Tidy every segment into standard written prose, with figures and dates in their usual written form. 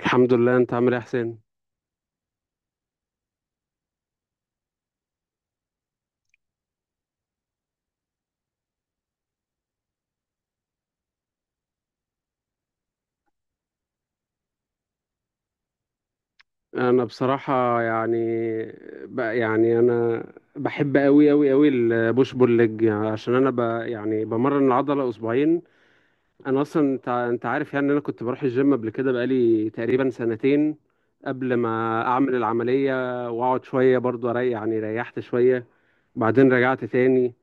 الحمد لله، انت عامل ايه يا حسين؟ انا بصراحه يعني بقى يعني انا بحب قوي قوي قوي البوش بول ليج، يعني عشان انا يعني بمرن العضله اسبوعين. انا اصلا انت عارف يعني ان انا كنت بروح الجيم قبل كده بقالي تقريبا سنتين، قبل ما اعمل العمليه. واقعد شويه برضو اريح، يعني ريحت شويه بعدين رجعت تاني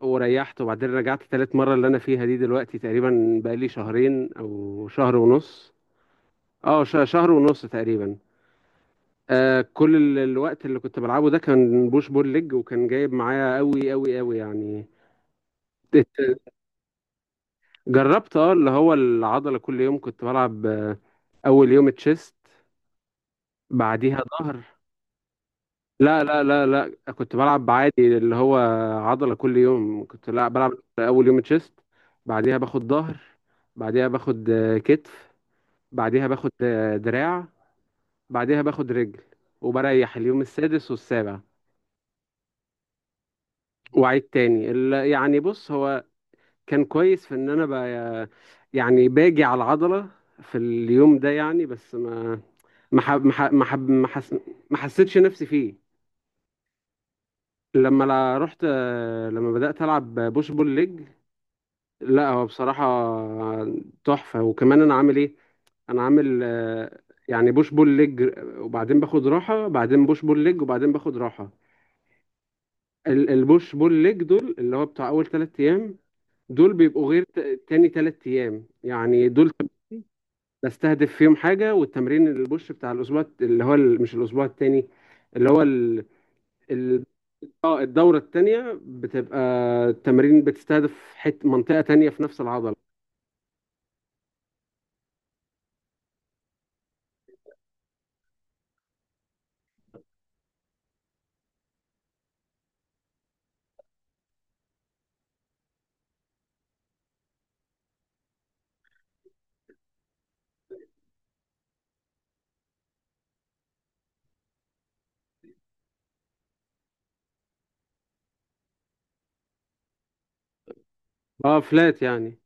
وريحت، وبعدين رجعت تالت مرة اللي أنا فيها دي دلوقتي، تقريبا بقالي شهرين أو شهر ونص. شهر ونص تقريبا. كل الوقت اللي كنت بلعبه ده كان بوش بول ليج، وكان جايب معايا قوي قوي قوي يعني. ات- جربت اه اللي هو العضلة كل يوم، كنت بلعب أول يوم تشيست بعديها ظهر. لا لا لا لا، كنت بلعب عادي اللي هو عضلة كل يوم، كنت لا بلعب أول يوم تشيست، بعديها باخد ظهر، بعديها باخد كتف، بعديها باخد دراع، بعديها باخد رجل، وبريح اليوم السادس والسابع وأعيد تاني. يعني بص، هو كان كويس في ان انا بقى يعني باجي على العضله في اليوم ده، يعني بس ما ما حب ما حب ما حب- ما حس- ما حسيتش نفسي فيه. لما لا رحت، لما بدات العب بوش بول ليج، لا هو بصراحه تحفه. وكمان انا عامل ايه؟ انا عامل يعني بوش بول ليج وبعدين باخد راحه، بعدين بوش بول ليج وبعدين باخد راحه. البوش بول ليج دول اللي هو بتاع اول ثلاث ايام، دول بيبقوا غير تاني ثلاث ايام، يعني دول بستهدف فيهم حاجة. والتمرين البوش بتاع الأسبوع اللي هو مش الأسبوع التاني، اللي هو ال... ال... آه، الدورة التانية بتبقى التمرين بتستهدف منطقة تانية في نفس العضلة. اه فلات يعني.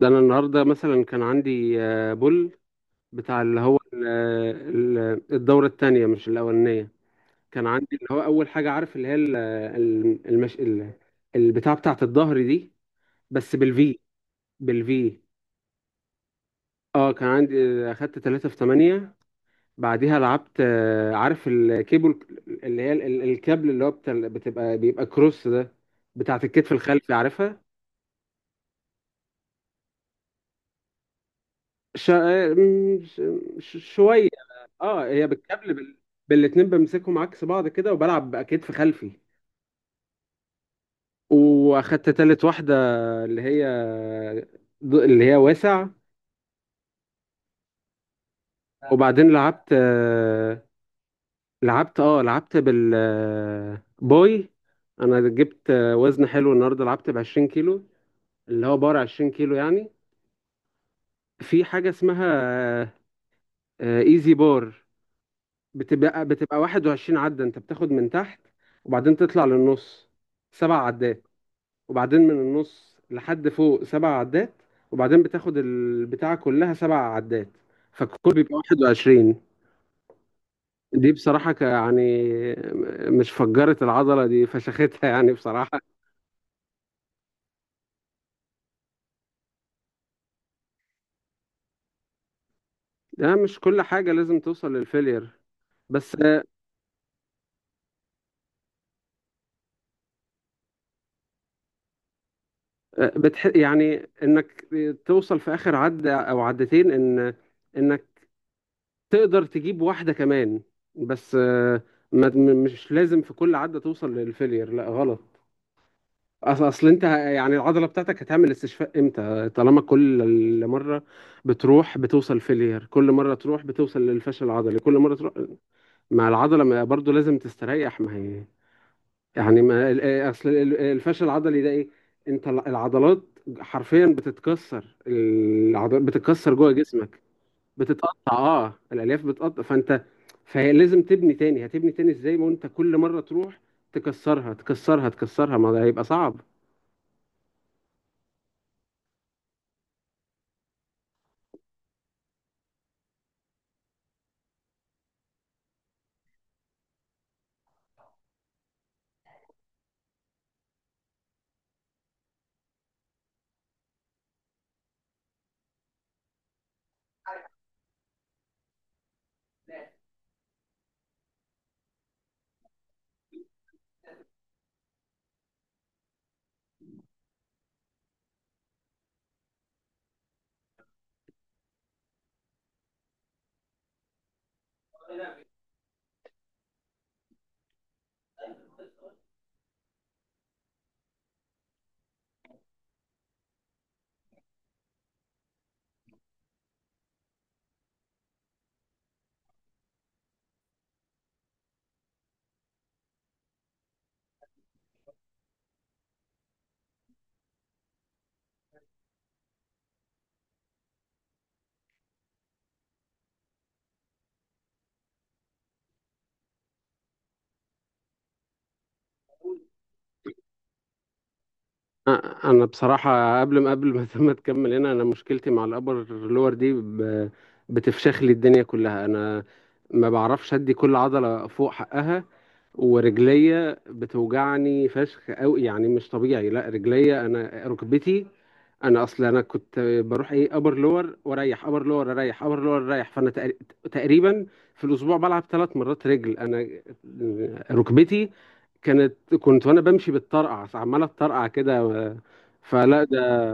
ده أنا النهاردة مثلا كان عندي بول بتاع اللي هو الدورة التانية مش الأولانية. كان عندي اللي هو أول حاجة، عارف اللي هي البتاع بتاعة الظهر دي، بس بالفي. بالفي اه كان عندي اخدت 3 في 8. بعديها لعبت عارف الكيبل اللي هي الكابل اللي هو بتاع بتبقى بيبقى كروس ده، بتاعت الكتف الخلفي، عارفها. ش... م- ش... ش- شوية، اه هي بالكابل بالاتنين، بمسكهم عكس بعض كده وبلعب بكتف خلفي. واخدت تالت واحدة اللي هي اللي هي واسع. وبعدين لعبت بالباي. انا جبت وزن حلو النهارده، لعبت ب 20 كيلو، اللي هو بار 20 كيلو يعني. في حاجة اسمها ايزي بار، بتبقى 21 عدة، انت بتاخد من تحت وبعدين تطلع للنص سبع عدات، وبعدين من النص لحد فوق سبع عدات، وبعدين بتاخد البتاعة كلها سبع عدات، فالكل بيبقى 21. دي بصراحة يعني مش فجرت العضلة دي، فشختها يعني بصراحة. ده مش كل حاجة لازم توصل للفيلير. بس يعني انك توصل في اخر عد او عدتين ان انك تقدر تجيب واحده كمان، بس آه، ما... م- مش لازم في كل عده توصل للفيلير، لا غلط. اصل انت يعني العضله بتاعتك هتعمل استشفاء امتى طالما كل مره بتروح بتوصل فيلير، كل مره تروح بتوصل للفشل العضلي، كل مره تروح مع العضله برضو لازم تستريح. ما هي يعني ما ال- آه، اصل الفشل العضلي ده ايه؟ انت العضلات حرفيا بتتكسر، العضلات بتتكسر جوه جسمك، بتتقطع. اه، الالياف بتقطع فانت، فهي لازم تبني تاني. هتبني تاني ازاي ما انت كل مره تروح تكسرها تكسرها تكسرها؟ ما ده هيبقى صعب. انا بصراحه قبل ما ما تكمل، هنا انا مشكلتي مع الابر لور دي، بتفشخ لي الدنيا كلها. انا ما بعرفش ادي كل عضله فوق حقها، ورجليا بتوجعني فشخ قوي يعني مش طبيعي، لا رجليا، انا ركبتي. انا اصلا انا كنت بروح ايه ابر لور واريح، ابر لور اريح، ابر لور اريح، فانا تقريبا في الاسبوع بلعب ثلاث مرات رجل. انا ركبتي كانت، كنت وانا بمشي بالطرقع، عماله اتطرقع كده، فلا ده.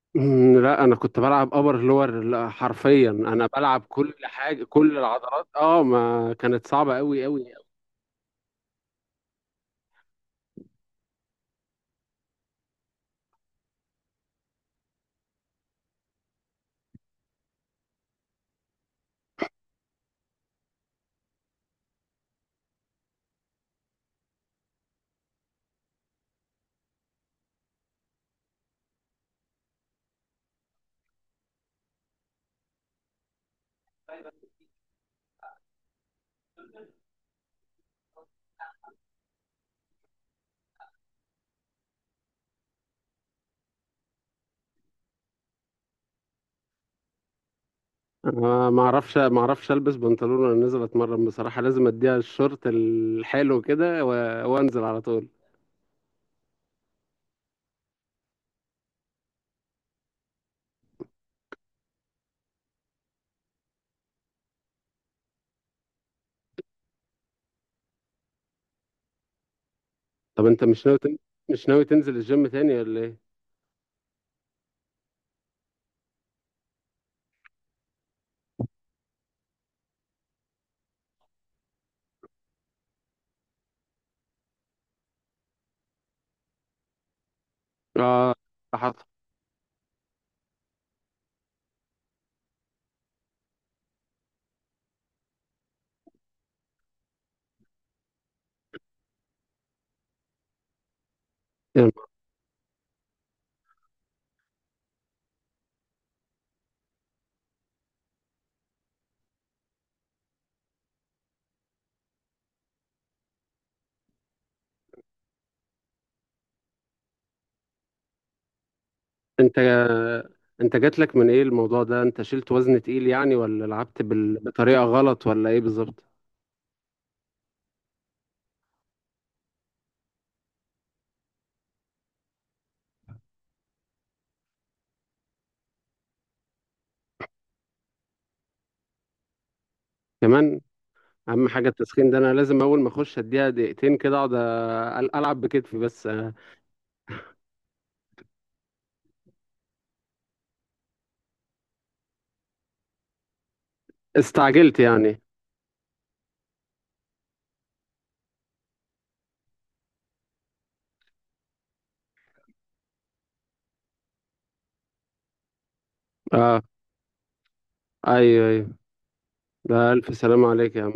مم، لا انا كنت بلعب ابر لور، لا حرفيا انا بلعب كل حاجه، كل العضلات اه ما كانت صعبه قوي قوي. انا ما اعرفش البس بنطلون وانا نازل اتمرن بصراحه، لازم اديها الشورت الحلو كده وانزل على طول. طب انت مش ناوي تنزل الجيم تاني ولا ايه؟ اه حصل. انت جات لك من ايه الموضوع ده؟ انت شلت وزن تقيل يعني، ولا لعبت بطريقه غلط ولا ايه بالظبط؟ كمان، اهم حاجه التسخين ده. انا لازم اول ما اخش اديها دقيقتين كده اقعد العب بكتفي بس استعجلت يعني. اه، ايوه ايوه، ده الف سلام عليك يا عم.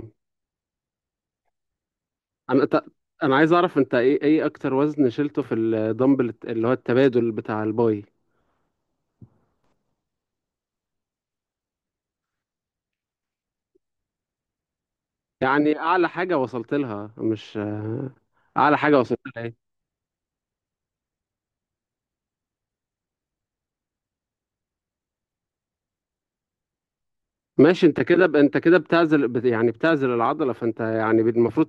انا ت... انا عايز اعرف انت ايه، ايه اكتر وزن شلته في الدمبل اللي هو التبادل بتاع الباي؟ يعني اعلى حاجه وصلت لها، مش اعلى حاجه وصلت لها ايه؟ ماشي، انت كده انت كده بتعزل يعني بتعزل العضله فانت يعني المفروض،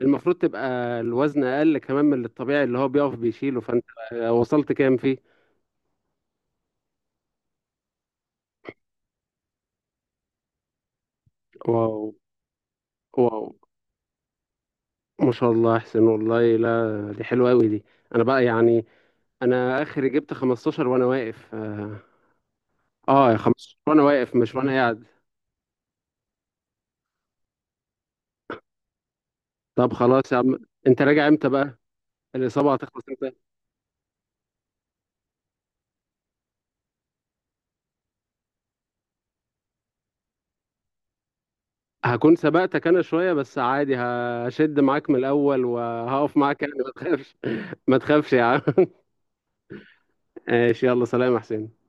المفروض تبقى الوزن اقل كمان من الطبيعي اللي هو بيقف بيشيله، فانت وصلت كام فيه؟ واو. واو، ما شاء الله، احسن والله، لا دي حلوه قوي دي. انا بقى يعني انا اخري جبت 15 وانا واقف، 15 وانا واقف مش وانا قاعد. طب خلاص يا عم، انت راجع امتى بقى؟ الاصابه هتخلص امتى؟ هكون سبقتك انا شويه بس عادي، هشد معاك من الاول وهقف معاك يعني ما تخافش. ما تخافش يا عم. ماشي، يلا سلام يا حسين.